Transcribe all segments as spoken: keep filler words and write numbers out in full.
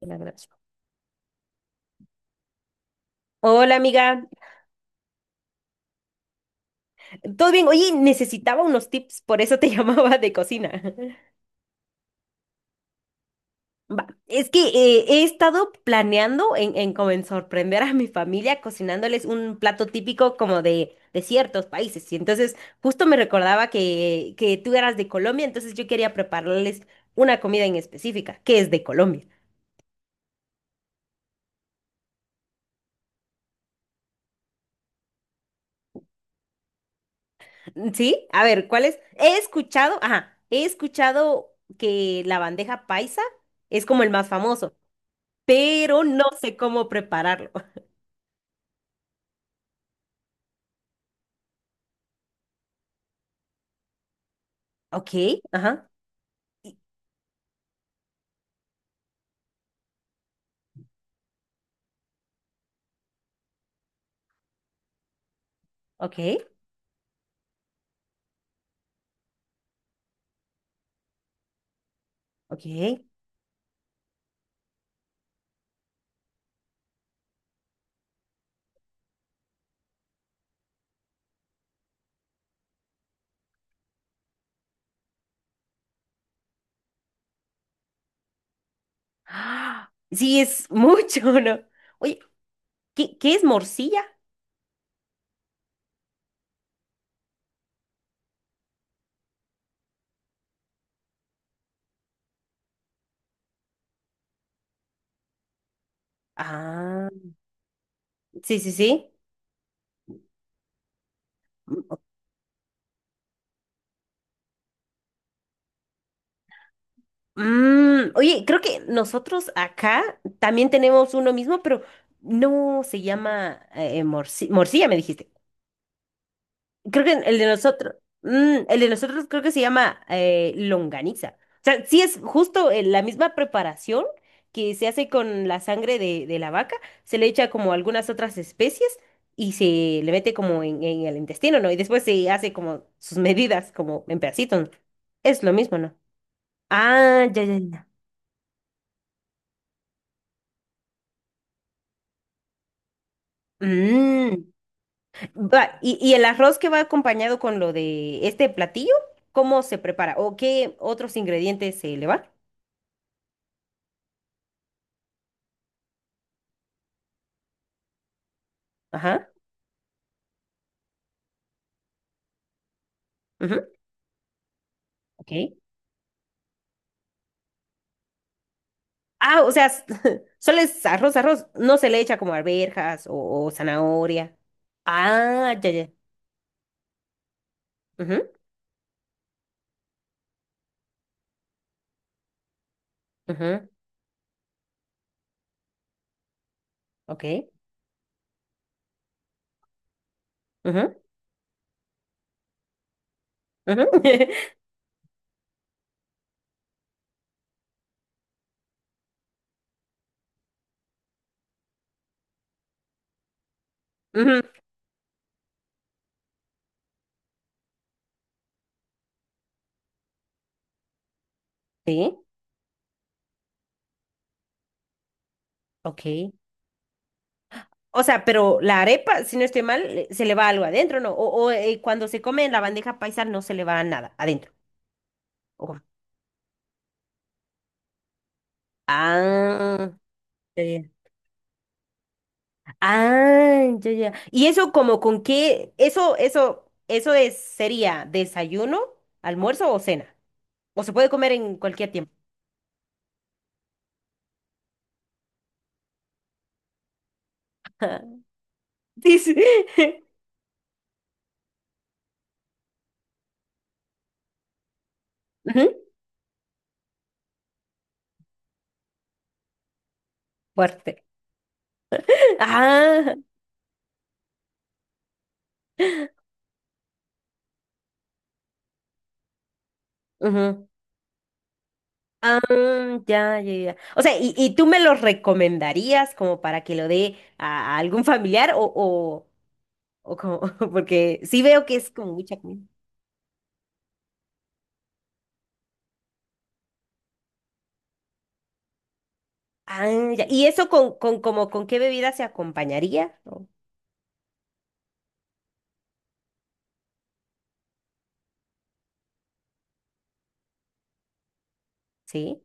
La grabación. Hola amiga, ¿todo bien? Oye, necesitaba unos tips, por eso te llamaba de cocina. Va, es que eh, he estado planeando en, en como en sorprender a mi familia cocinándoles un plato típico como de, de ciertos países. Y entonces justo me recordaba que, que tú eras de Colombia, entonces yo quería prepararles una comida en específica, que es de Colombia. ¿Sí? A ver, ¿cuál es? He escuchado, ajá, he escuchado que la bandeja paisa es como el más famoso. Pero no sé cómo prepararlo. Ok, ajá, ok, ok. Ah, sí, es mucho, ¿no? Oye, ¿qué, qué es morcilla? Ah, sí, sí, sí. Mm, ok. Mm, oye, creo que nosotros acá también tenemos uno mismo, pero no se llama eh, morci- morcilla, me dijiste. Creo que el de nosotros, mm, el de nosotros creo que se llama eh, longaniza. O sea, sí es justo eh, la misma preparación que se hace con la sangre de, de la vaca, se le echa como algunas otras especies y se le mete como en, en el intestino, ¿no? Y después se hace como sus medidas, como en pedacitos. ¿No? Es lo mismo, ¿no? Ah, ya, ya, ya. Mm. Va, y, y el arroz que va acompañado con lo de este platillo, ¿cómo se prepara? ¿O qué otros ingredientes se le va? Ajá. Ok. Ah, o sea, solo es arroz, arroz. No se le echa como arvejas o, o zanahoria. Ah, ya, ya. Ujú, ujú, Ok. Ujú, ujú, ujú, Sí, ok. O sea, pero la arepa, si no estoy mal, le- se le va algo adentro, ¿no? O, o, eh, cuando se come en la bandeja paisa no se le va nada adentro. ¿O cómo? Ah, ya, ya. Ah, ya, ya. ¿Y eso como con qué? Eso, eso, eso es, sería desayuno, almuerzo o cena. O se puede comer en cualquier tiempo. Sí, sí. Ujú, Fuerte. Ah, ujú. Mm, ya, ya, ya. O sea, ¿y, y tú me lo recomendarías como para que lo dé a, a algún familiar o, o, o como, porque sí veo que es como mucha comida. Ah, ya. ¿Y eso con, con, como, con qué bebida se acompañaría? ¿O- Sí.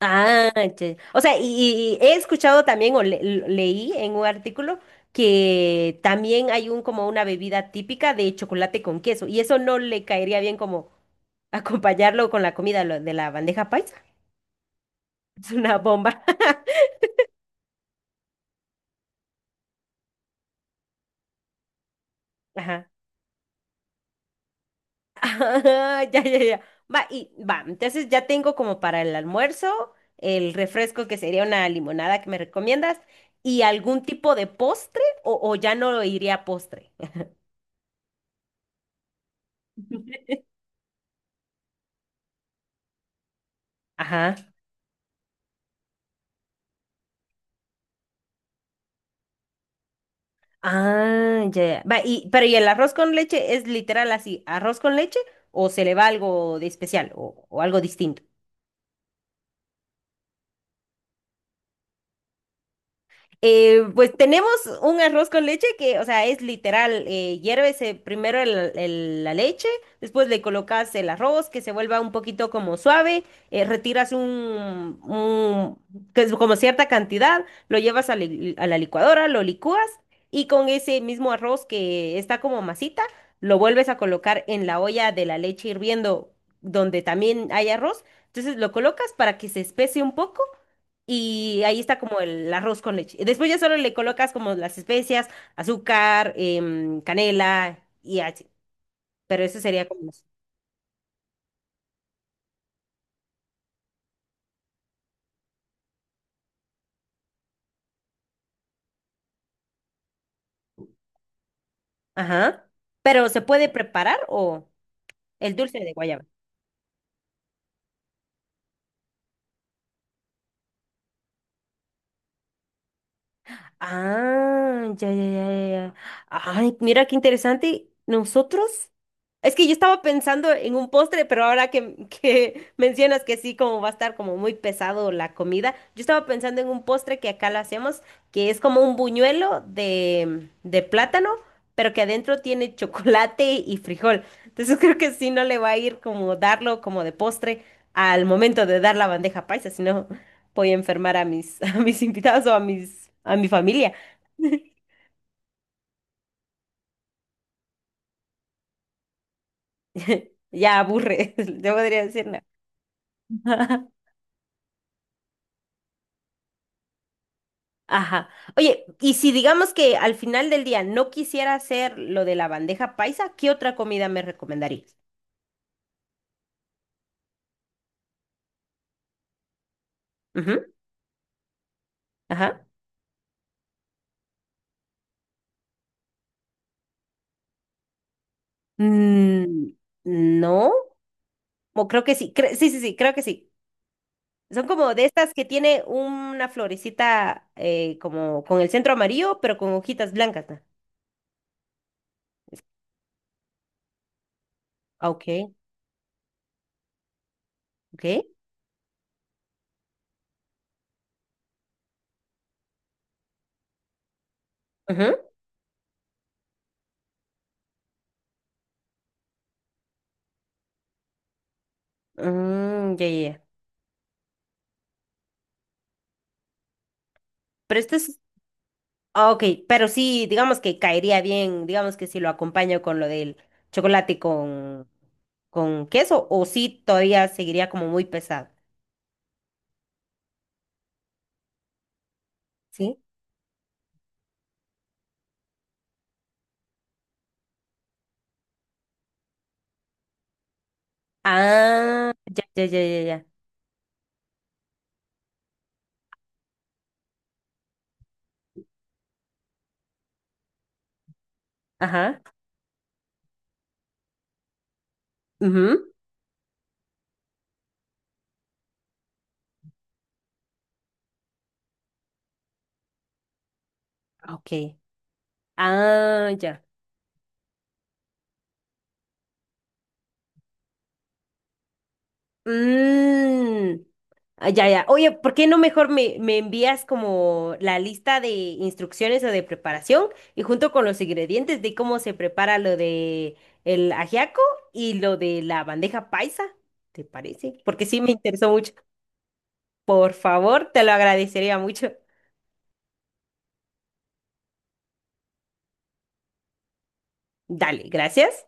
Ah, ya. O sea, y, y- he escuchado también o le- l- leí en un artículo que también hay un como una bebida típica de chocolate con queso y eso no le caería bien como acompañarlo con la comida lo de la bandeja paisa. Es una bomba. Ajá. Ah, ya, ya, ya. Va, y va, entonces ya tengo como para el almuerzo, el refresco que sería una limonada que me recomiendas y algún tipo de postre o, o ya no iría a postre. Ajá. Ah, ya, ya. Va, y, pero ¿y el arroz con leche es literal así, arroz con leche o se le va algo de especial o, o algo? Eh, pues tenemos un arroz con leche que, o sea, es literal, eh, hierves eh, primero el- el- la leche, después le colocas el arroz que se vuelva un poquito como suave, eh, retiras un, un- que es como cierta cantidad, lo llevas a, li- a la licuadora, lo licúas y con ese mismo arroz que está como masita, lo vuelves a colocar en la olla de la leche hirviendo donde también hay arroz, entonces lo colocas para que se espese un poco. Y ahí está como el arroz con leche. Y después ya solo le colocas como las especias, azúcar, em, canela y así. Pero eso sería como... las- Ajá. Pero ¿se puede preparar o el dulce de guayaba? Ah, ya, ya, ya, ya. Ya. Ay, mira qué interesante. Nosotros... Es que yo estaba pensando en un postre, pero ahora que, que mencionas que sí, como va a estar como muy pesado la comida, yo estaba pensando en un postre que acá lo hacemos, que es como un buñuelo de, de plátano, pero que adentro tiene chocolate y frijol. Entonces creo que sí no le va a ir como darlo como de postre al momento de dar la bandeja paisa, si no voy a enfermar a mis, a mis invitados o a mis, a mi familia. Ya aburre, yo podría decir no. Ajá. Oye, y si digamos que al final del día no quisiera hacer lo de la bandeja paisa, ¿qué otra comida me recomendarías? Ujú, Ajá. Mm, no, o creo que sí. Cre- sí, sí, sí, creo que sí. Son como de estas que tiene una florecita eh, como con el centro amarillo, pero con hojitas blancas. ¿No? Ah, Ok, ok. Ujú. Mm, ya, ya, ya. Pero esto es... Ah, Ok, pero sí, digamos que caería bien, digamos que si lo acompaño con lo del chocolate con, con queso, o sí todavía seguiría como muy pesado, ¿sí? Ah, ya, ya, ya, ya, ya. Ajá. Ujú, Ok. Ah, ya. Mm, ah, ya, ya. Oye, ¿por qué no mejor me, me envías como la lista de instrucciones o de preparación y junto con los ingredientes de cómo se prepara lo de el ajiaco y lo de la bandeja paisa? ¿Te parece? Porque sí me interesó mucho. Por favor, te lo agradecería mucho. Dale, gracias.